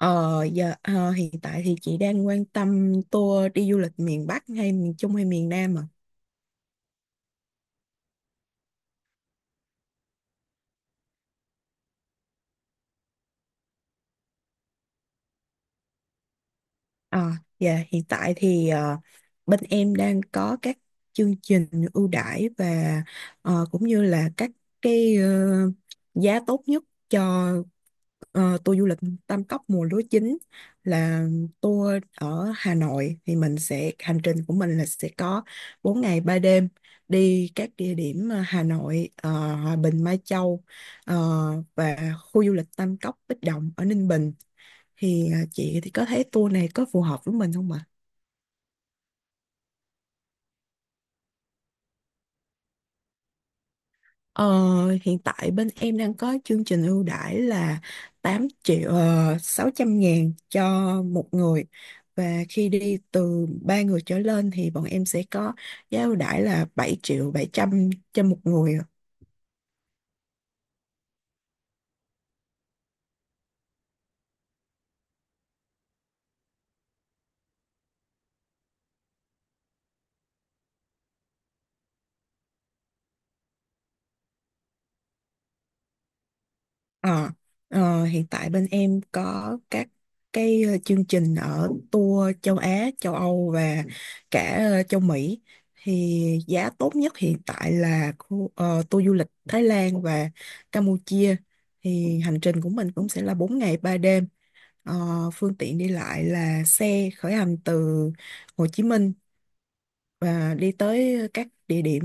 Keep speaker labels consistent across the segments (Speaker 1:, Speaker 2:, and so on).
Speaker 1: Ờ, giờ hiện tại thì chị đang quan tâm tour đi du lịch miền Bắc hay miền Trung hay miền Nam ạ? Ờ, dạ hiện tại thì bên em đang có các chương trình ưu đãi và cũng như là các cái ờ, giá tốt nhất cho tour du lịch Tam Cốc mùa lúa chín là tour ở Hà Nội. Thì mình sẽ hành trình của mình là sẽ có 4 ngày 3 đêm đi các địa điểm Hà Nội, Hòa Bình, Mai Châu, ờ, và khu du lịch Tam Cốc Bích Động ở Ninh Bình. Thì chị thì có thấy tour này có phù hợp với mình không ạ? Ờ, Hiện tại bên em đang có chương trình ưu đãi là 8 triệu 600 ngàn cho một người, và khi đi từ 3 người trở lên thì bọn em sẽ có giá ưu đãi là 7.700.000 cho một người. Ờ, Hiện tại bên em có các chương trình ở tour châu Á, châu Âu và cả châu Mỹ. Thì giá tốt nhất hiện tại là tour du lịch Thái Lan và Campuchia. Thì hành trình của mình cũng sẽ là 4 ngày 3 đêm. Ờ, Phương tiện đi lại là xe khởi hành từ Hồ Chí Minh và đi tới các địa điểm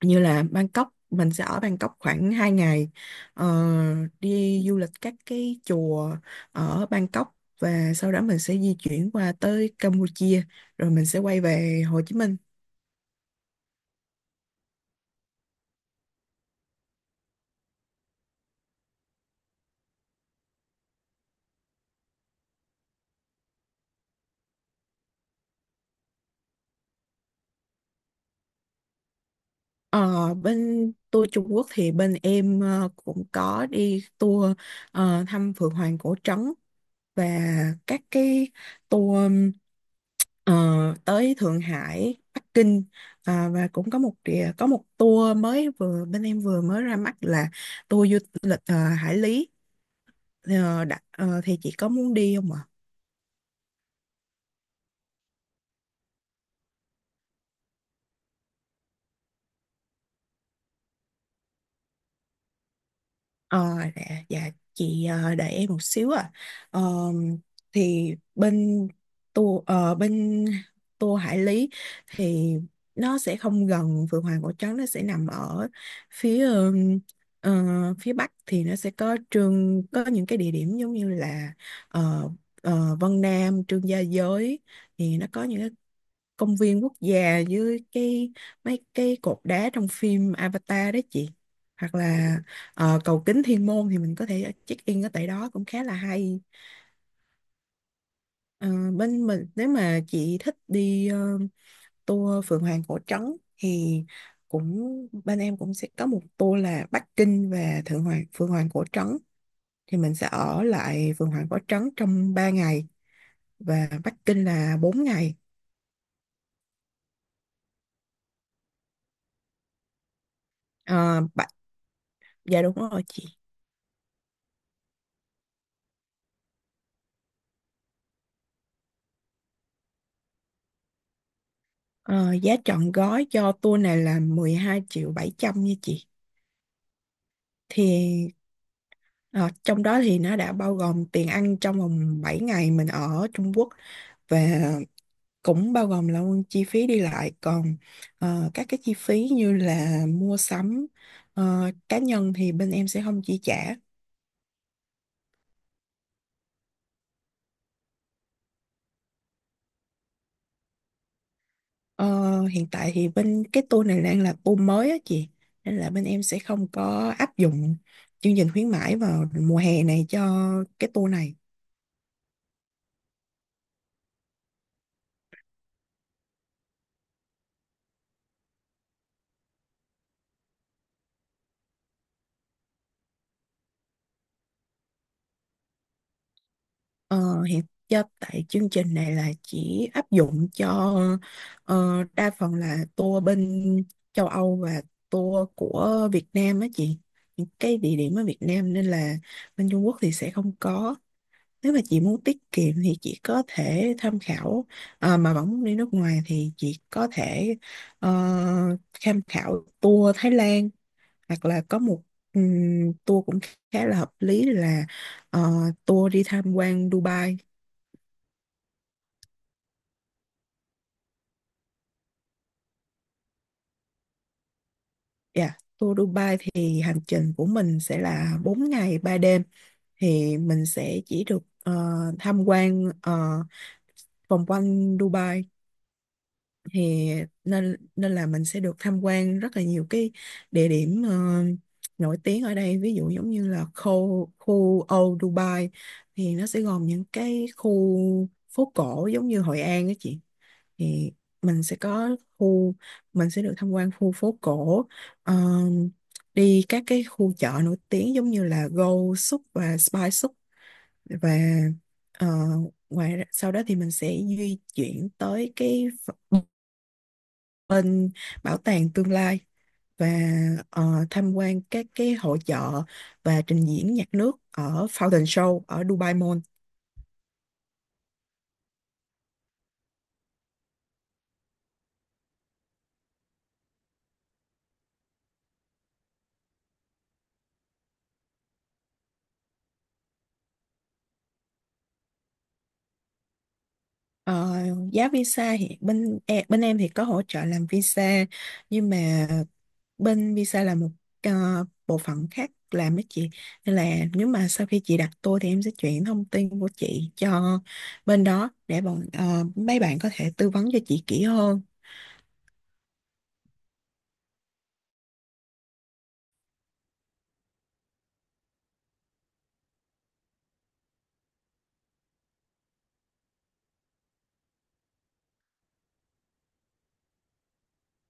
Speaker 1: như là Bangkok. Mình sẽ ở Bangkok khoảng 2 ngày, ờ, đi du lịch các cái chùa ở Bangkok, và sau đó mình sẽ di chuyển qua tới Campuchia rồi mình sẽ quay về Hồ Chí Minh. Ờ, Bên tour Trung Quốc thì bên em cũng có đi tour thăm Phượng Hoàng Cổ Trấn, và các cái tour ờ, tới Thượng Hải, Bắc Kinh. Và cũng có có một tour mới vừa bên em vừa mới ra mắt là tour du lịch Hải Lý. Thì chị có muốn đi không ạ? Ờ, dạ, dạ chị đợi em một xíu ạ. Ờ, thì bên tour Hải Lý thì nó sẽ không gần Phượng Hoàng Cổ Trấn, nó sẽ nằm ở phía phía bắc. Thì nó sẽ có những cái địa điểm giống như là ờ, Vân Nam, Trương Gia Giới. Thì nó có những cái công viên quốc gia với cái mấy cái cột đá trong phim Avatar đó chị, hoặc là cầu kính Thiên Môn thì mình có thể check in ở tại đó cũng khá là hay. Ờ, Bên mình nếu mà chị thích đi tour Phượng Hoàng Cổ Trấn thì cũng bên em cũng sẽ có một tour là Bắc Kinh và Thượng Hoàng Phượng Hoàng Cổ Trấn. Thì mình sẽ ở lại Phượng Hoàng Cổ Trấn trong 3 ngày và Bắc Kinh là 4 ngày. Ờ, Bạch- dạ đúng rồi chị. Ờ, Giá trọn gói cho tour này là 12.700.000 nha chị. Thì ờ, trong đó thì nó đã bao gồm tiền ăn trong vòng 7 ngày mình ở Trung Quốc, và cũng bao gồm là chi phí đi lại. Còn các cái chi phí như là mua sắm cá nhân thì bên em sẽ không chi trả. Ờ, Hiện tại thì bên cái tour này đang là tour mới á chị. Nên là bên em sẽ không có áp dụng chương trình khuyến mãi vào mùa hè này cho cái tour này. Ờ, Hiện tại chương trình này là chỉ áp dụng cho đa phần là tour bên châu Âu và tour của Việt Nam á chị, những cái địa điểm ở Việt Nam, nên là bên Trung Quốc thì sẽ không có. Nếu mà chị muốn tiết kiệm thì chị có thể tham khảo. Mà vẫn muốn đi nước ngoài thì chị có thể ờ, tham khảo tour Thái Lan, hoặc là có một tour cũng khá là hợp lý là ờ, tour đi tham quan Dubai. Dạ, tour Dubai thì hành trình của mình sẽ là 4 ngày 3 đêm. Thì mình sẽ chỉ được tham quan vòng quanh Dubai. Thì nên nên là mình sẽ được tham quan rất là nhiều cái địa điểm nổi tiếng ở đây, ví dụ giống như là khu khu Old Dubai. Thì nó sẽ gồm những cái khu phố cổ giống như Hội An đó chị. Thì mình sẽ có khu mình sẽ được tham quan khu phố cổ, ờ, đi các cái khu chợ nổi tiếng giống như là Gold Souk và Spice Souk, và ờ, sau đó thì mình sẽ di chuyển tới ph- bên bảo tàng tương lai, và tham quan các cái hội chợ và trình diễn nhạc nước ở Fountain Show ở Dubai Mall. Ờ, Giá visa thì bên em thì có hỗ trợ làm visa, nhưng mà bên visa là một bộ phận khác làm với chị. Nên là nếu mà sau khi chị đặt tour thì em sẽ chuyển thông tin của chị cho bên đó để mấy bạn có thể tư vấn cho chị kỹ hơn.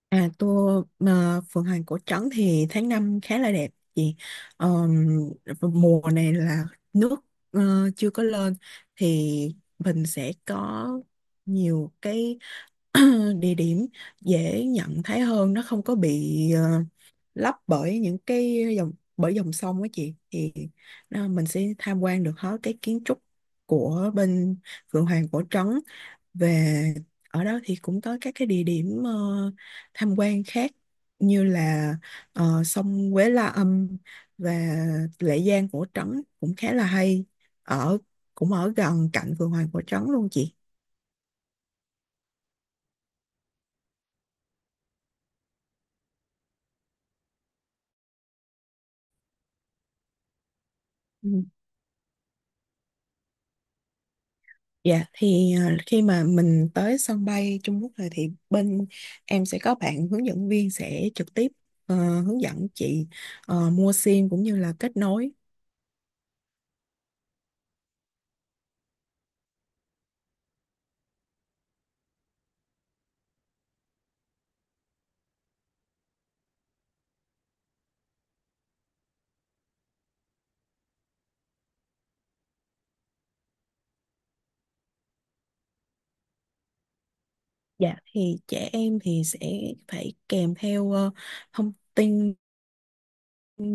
Speaker 1: À, tour mà Phượng Hoàng Cổ Trấn thì tháng 5 khá là đẹp chị. Ờm, Mùa này là nước chưa có lên. Thì mình sẽ có nhiều cái địa điểm dễ nhận thấy hơn, nó không có bị lấp bởi những cái dòng bởi dòng sông á chị. Thì à, mình sẽ tham quan được hết cái kiến trúc của bên Phượng Hoàng Cổ Trấn. về Ở đó thì cũng có các cái địa điểm tham quan khác như là sông Quế La Âm và Lệ Giang Cổ Trấn cũng khá là hay, ở cũng ở gần cạnh Phượng Hoàng Cổ Trấn luôn chị. Ừ. Dạ thì khi mà mình tới sân bay Trung Quốc rồi thì bên em sẽ có bạn hướng dẫn viên sẽ trực tiếp ờ, hướng dẫn chị mua sim cũng như là kết nối. Dạ thì trẻ em thì sẽ phải kèm theo thông tin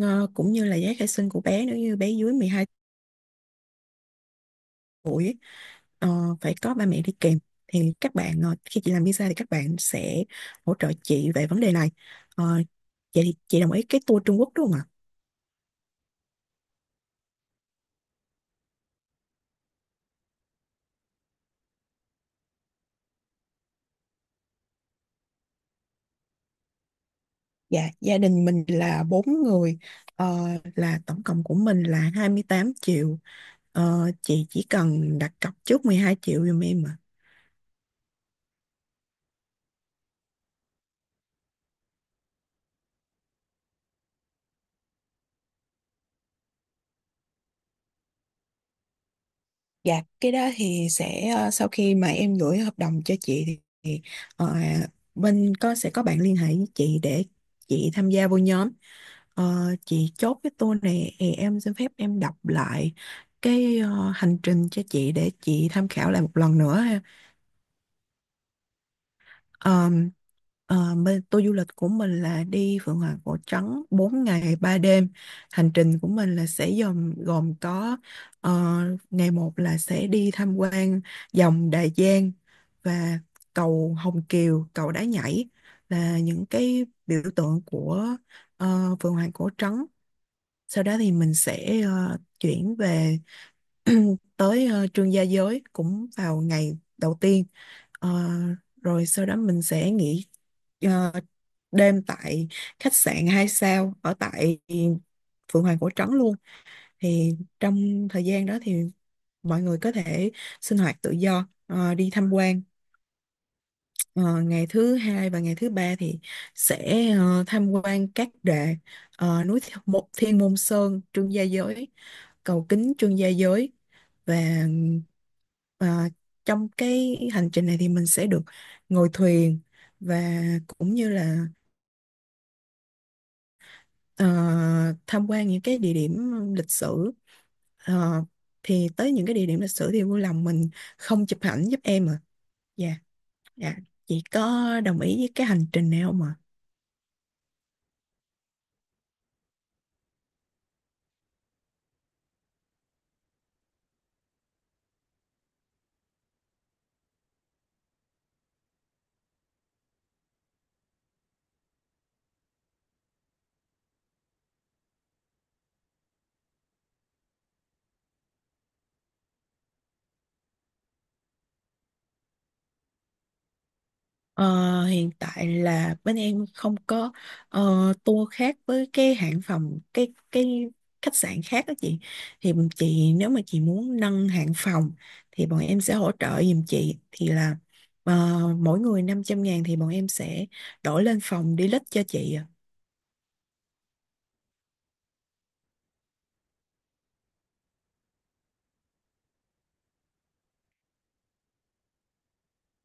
Speaker 1: ờ, cũng như là giấy khai sinh của bé. Nếu như bé dưới 12 tuổi ấy, ờ, phải có ba mẹ đi kèm. Thì các bạn khi chị làm visa thì các bạn sẽ hỗ trợ chị về vấn đề này. Ờ, Vậy thì chị đồng ý cái tour Trung Quốc đúng không ạ? Dạ, gia đình mình là bốn người, ờ, là tổng cộng của mình là 28 triệu. Chị chỉ cần đặt cọc trước 12 triệu giùm em ạ. Dạ, cái đó thì sẽ sau khi mà em gửi hợp đồng cho chị thì ờ, bên sẽ có bạn liên hệ với chị để chị tham gia vô nhóm. Chị chốt cái tour này thì em xin phép em đọc lại hành trình cho chị để chị tham khảo lại một lần nữa. Ờm, Tour du lịch của mình là đi Phượng Hoàng Cổ Trắng 4 ngày 3 đêm. Hành trình của mình là sẽ gồm gồm có ờ, ngày 1 là sẽ đi tham quan dòng Đại Giang và cầu Hồng Kiều, cầu Đá Nhảy, là những cái biểu tượng của Phượng Hoàng Cổ Trắng. Sau đó thì mình sẽ chuyển về tới Trương Gia Giới cũng vào ngày đầu tiên. Ờ, Rồi sau đó mình sẽ nghỉ ờ, đêm tại khách sạn 2 sao ở tại Phượng Hoàng Cổ Trấn luôn. Thì trong thời gian đó thì mọi người có thể sinh hoạt tự do, đi tham quan. Ờ, Ngày thứ hai và ngày thứ ba thì sẽ tham quan núi Thiên Môn Sơn, Trương Gia Giới, cầu kính Trương Gia Giới, và ờ, trong cái hành trình này thì mình sẽ được ngồi thuyền, và cũng như là ờ, tham quan những cái địa điểm lịch sử. Ờ, thì tới những cái địa điểm lịch sử thì vui lòng mình không chụp ảnh giúp em à. Dạ, dạ, chị có đồng ý với cái hành trình này không ạ? Ờ, Hiện tại là bên em không có tour khác với cái hãng phòng cái khách sạn khác đó chị. Thì chị Nếu mà chị muốn nâng hạng phòng thì bọn em sẽ hỗ trợ giùm chị, thì là ờ, mỗi người 500 ngàn thì bọn em sẽ đổi lên phòng deluxe cho chị.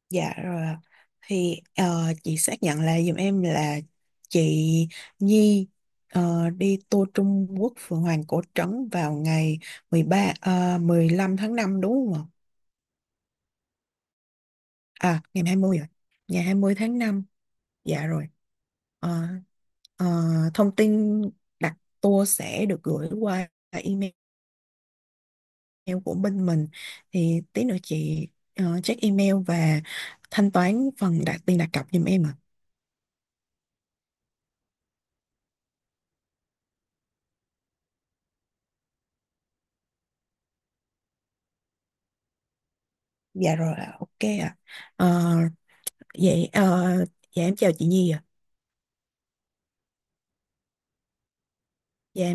Speaker 1: Dạ rồi ạ. Thì chị xác nhận lại giùm em là chị Nhi đi tour Trung Quốc Phượng Hoàng Cổ Trấn vào ngày 13 15 tháng 5 đúng không ạ? À, ngày 20 rồi. Ngày 20 tháng 5. Dạ rồi. Ờ, ờ, Thông tin đặt tour sẽ được gửi qua email của bên mình. Thì tí nữa chị check email và thanh toán phần đặt cọc giùm em ạ. Dạ rồi ạ. Ok ạ. Ờ, Vậy dạ em chào chị Nhi ạ. Dạ.